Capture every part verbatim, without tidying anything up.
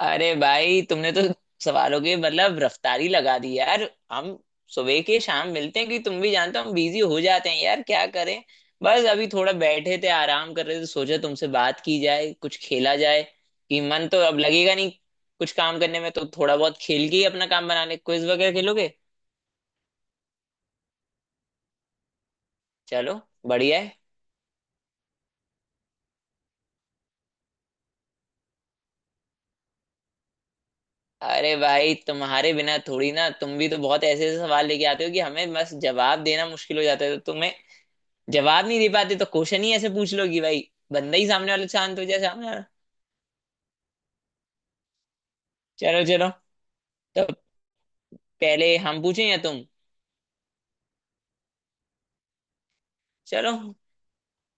अरे भाई तुमने तो सवालों की मतलब रफ्तारी लगा दी यार। हम सुबह के शाम मिलते हैं कि तुम भी जानते हो, हम बिजी हो जाते हैं यार, क्या करें। बस अभी थोड़ा बैठे थे, आराम कर रहे थे, सोचा तुमसे बात की जाए, कुछ खेला जाए। कि मन तो अब लगेगा नहीं कुछ काम करने में, तो थोड़ा बहुत खेल के ही अपना काम बना ले। क्विज वगैरह खेलोगे? चलो, बढ़िया है। अरे भाई, तुम्हारे बिना थोड़ी ना, तुम भी तो बहुत ऐसे ऐसे सवाल लेके आते हो कि हमें बस जवाब देना मुश्किल हो जाता है, तो तुम्हें जवाब नहीं दे पाते तो क्वेश्चन ही ऐसे पूछ लो कि भाई, बंदा ही सामने वाला शांत हो जाए, सामने वाला। चलो चलो, तो पहले हम पूछें या तुम? चलो,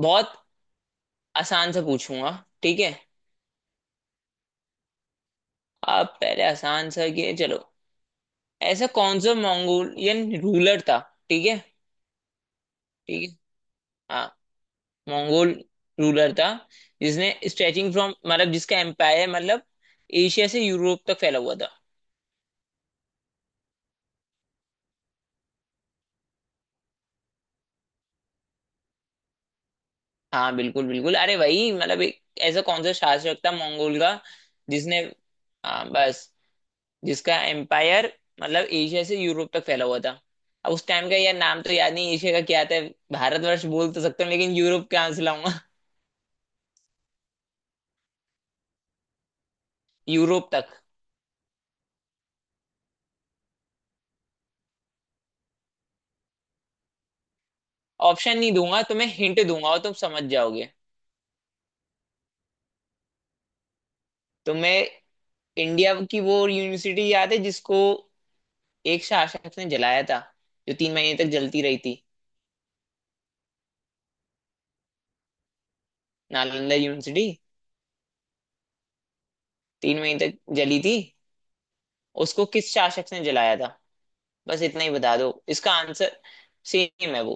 बहुत आसान से पूछूंगा, ठीक है? आप पहले आसान सा किए, चलो। ऐसा कौन सा मंगोलियन रूलर था? ठीक है, ठीक है। हाँ, मंगोल रूलर था जिसने स्ट्रेचिंग फ्रॉम, मतलब जिसका एम्पायर, मतलब एशिया से यूरोप तक फैला हुआ था। हाँ बिल्कुल बिल्कुल, अरे भाई, मतलब एक ऐसा कौन सा शासक था मंगोल का जिसने, हाँ बस, जिसका एम्पायर मतलब एशिया से यूरोप तक फैला हुआ था। अब उस टाइम का यार नाम तो याद नहीं, एशिया का क्या था। भारतवर्ष बोल तो सकता हूँ लेकिन यूरोप कहाँ से लाऊंगा यूरोप तक ऑप्शन नहीं दूंगा, तुम्हें हिंट दूंगा और तुम समझ जाओगे। तुम्हें इंडिया की वो यूनिवर्सिटी याद है जिसको एक शासक ने जलाया था, जो तीन महीने तक जलती रही थी? नालंदा यूनिवर्सिटी। तीन महीने तक जली थी। उसको किस शासक ने जलाया था, बस इतना ही बता दो। इसका आंसर सेम है वो।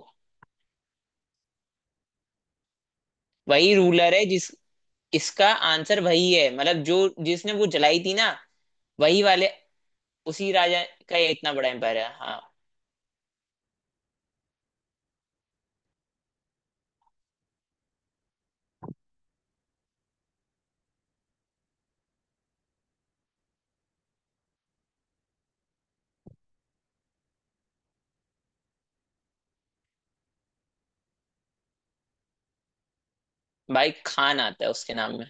वही रूलर है जिस, इसका आंसर वही है, मतलब जो जिसने वो जलाई थी ना, वही वाले। उसी राजा का ये इतना बड़ा एम्पायर है, हाँ। भाई खान आता है उसके नाम में।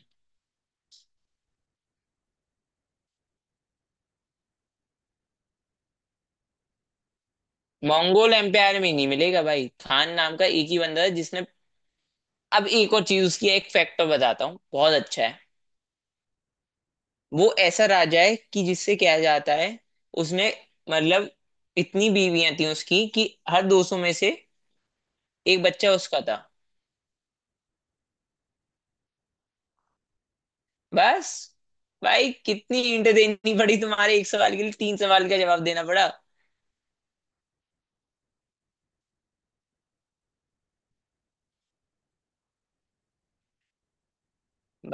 मंगोल एम्पायर में नहीं मिलेगा भाई, खान नाम का एक ही बंदा है जिसने। अब एक और चीज उसकी, एक फैक्टर बताता हूँ, बहुत अच्छा है। वो ऐसा राजा है कि जिससे क्या जाता है, उसने मतलब इतनी बीवियां थी उसकी कि हर दो सौ में से एक बच्चा उसका था। बस, भाई कितनी इंट देनी पड़ी तुम्हारे एक सवाल के लिए, तीन सवाल का जवाब देना पड़ा।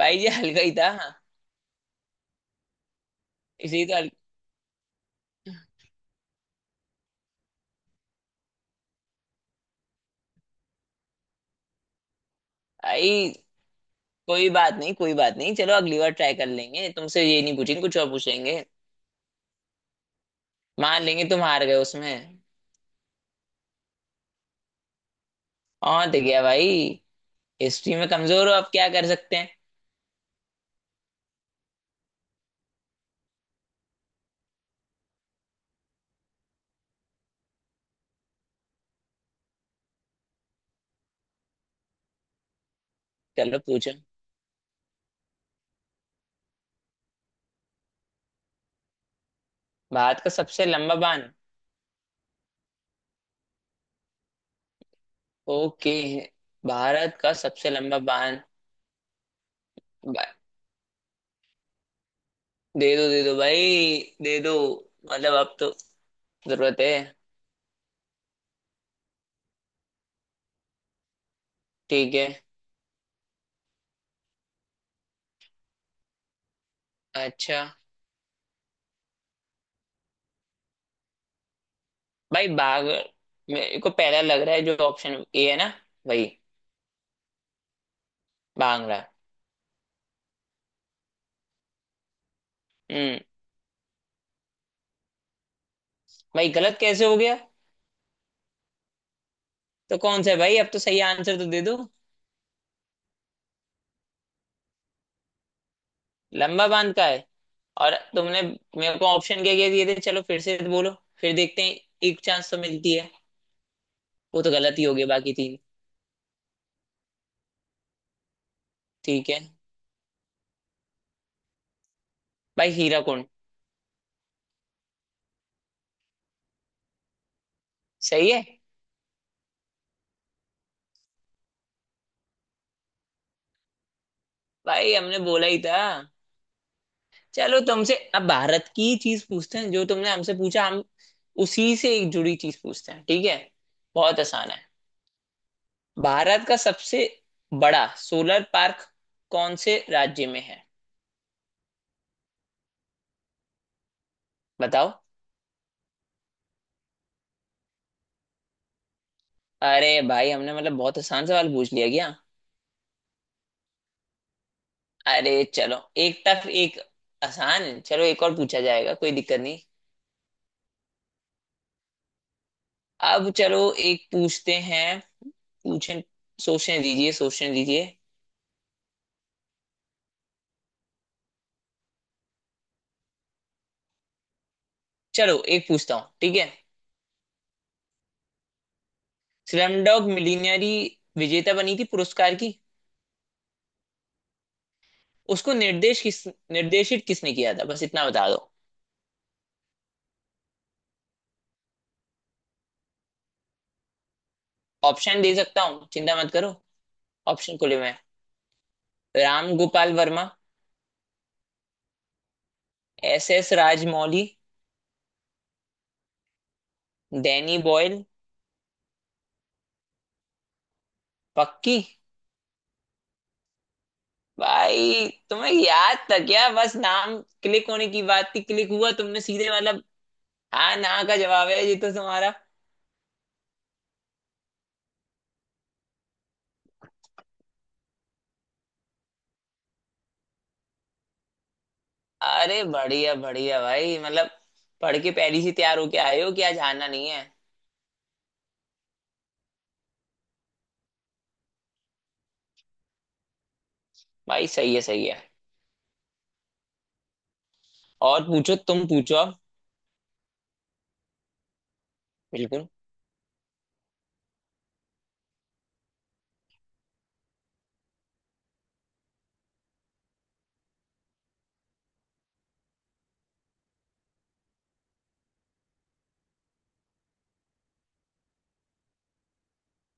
भाई ये हल्का ही था। इसी तो हल... भाई, कोई बात नहीं, कोई बात नहीं। चलो अगली बार ट्राई कर लेंगे, तुमसे ये नहीं पूछेंगे, कुछ और पूछेंगे। मान लेंगे तुम हार गए उसमें। और तो क्या भाई, हिस्ट्री में कमजोर हो, अब क्या कर सकते हैं। चलो, पूछो। भारत का सबसे लंबा बांध? ओके, भारत का सबसे लंबा बांध। बा- दे दो दे दो भाई, दे दो। मतलब अब तो जरूरत है। ठीक है। अच्छा। भाई, बाघ मेरे को पहला लग रहा है जो ऑप्शन ए है ना, वही मांग रहा है। हम्म। भाई गलत कैसे हो गया? तो कौन सा है भाई, अब तो सही आंसर तो दे दो। लंबा बांध का है। और तुमने मेरे को ऑप्शन क्या क्या दिए थे, चलो फिर से बोलो, फिर देखते हैं, एक चांस तो मिलती है। वो तो गलत ही हो गया, बाकी तीन ठीक है। भाई हीरा कुंड। सही है। भाई हमने बोला ही था। चलो तुमसे अब भारत की चीज पूछते हैं, जो तुमने हमसे पूछा, हम उसी से एक जुड़ी चीज पूछते हैं, ठीक है? बहुत आसान है। भारत का सबसे बड़ा सोलर पार्क कौन से राज्य में है? बताओ। अरे भाई, हमने मतलब बहुत आसान सवाल पूछ लिया क्या? अरे चलो, एक टफ एक आसान, चलो एक और पूछा जाएगा, कोई दिक्कत नहीं। अब चलो एक पूछते हैं। पूछें? सोचने दीजिए सोचने दीजिए। चलो एक पूछता हूँ, ठीक है? स्लम डॉग मिलियनेरी विजेता बनी थी पुरस्कार की, उसको निर्देश किस, निर्देशित किसने किया था, बस इतना बता दो। ऑप्शन दे सकता हूँ, चिंता मत करो। ऑप्शन खुले में हैं। Ram Gopal Varma? S S Rajamouli? Danny Boyle? पक्की? भाई तुम्हें याद था क्या, बस नाम क्लिक होने की बात थी, क्लिक हुआ तुमने सीधे, मतलब हाँ ना का जवाब है ये तो तुम्हारा। अरे बढ़िया बढ़िया भाई, मतलब पढ़ के पहले ही तैयार होके आए हो कि आज आना नहीं है। भाई सही है सही है। और पूछो, तुम पूछो अब। बिल्कुल।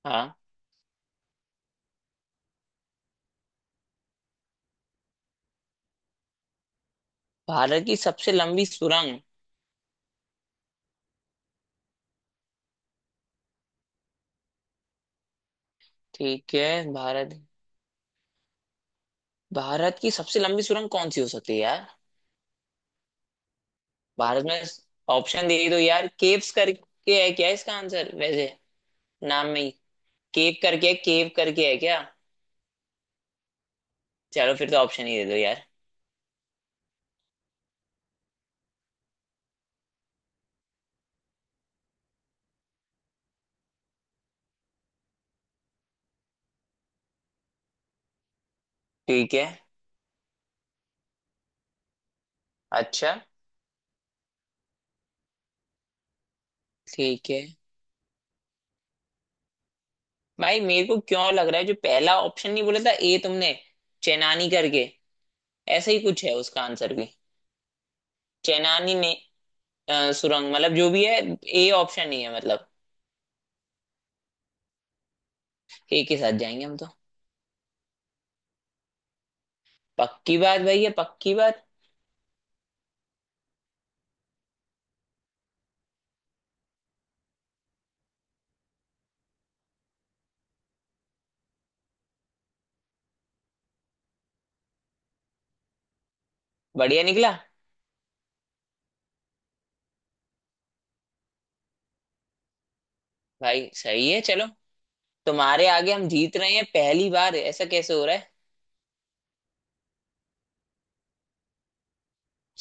हाँ, भारत की सबसे लंबी सुरंग? ठीक है, भारत, भारत की सबसे लंबी सुरंग कौन सी हो सकती है यार? भारत में? ऑप्शन दे दो यार, केव्स करके है क्या इसका आंसर वैसे, नाम में ही केव करके है, केव करके है क्या? चलो फिर तो ऑप्शन ही दे दो यार। ठीक है। अच्छा। ठीक है। भाई मेरे को क्यों लग रहा है जो पहला ऑप्शन नहीं बोला था ए तुमने, चेनानी करके, ऐसा ही कुछ है उसका आंसर भी। चेनानी ने अ, सुरंग, मतलब जो भी है, ए ऑप्शन ही है मतलब। ए के साथ जाएंगे हम तो। पक्की बात। भाई ये पक्की बात। बढ़िया निकला। भाई सही है, चलो। तुम्हारे आगे हम जीत रहे हैं पहली बार, ऐसा कैसे हो रहा है?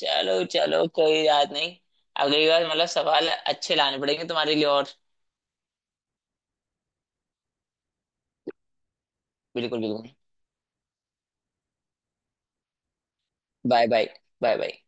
चलो चलो, कोई बात नहीं। अगली बार मतलब सवाल अच्छे लाने पड़ेंगे तुम्हारे लिए और। बिल्कुल बिल्कुल। Bye bye. Bye bye.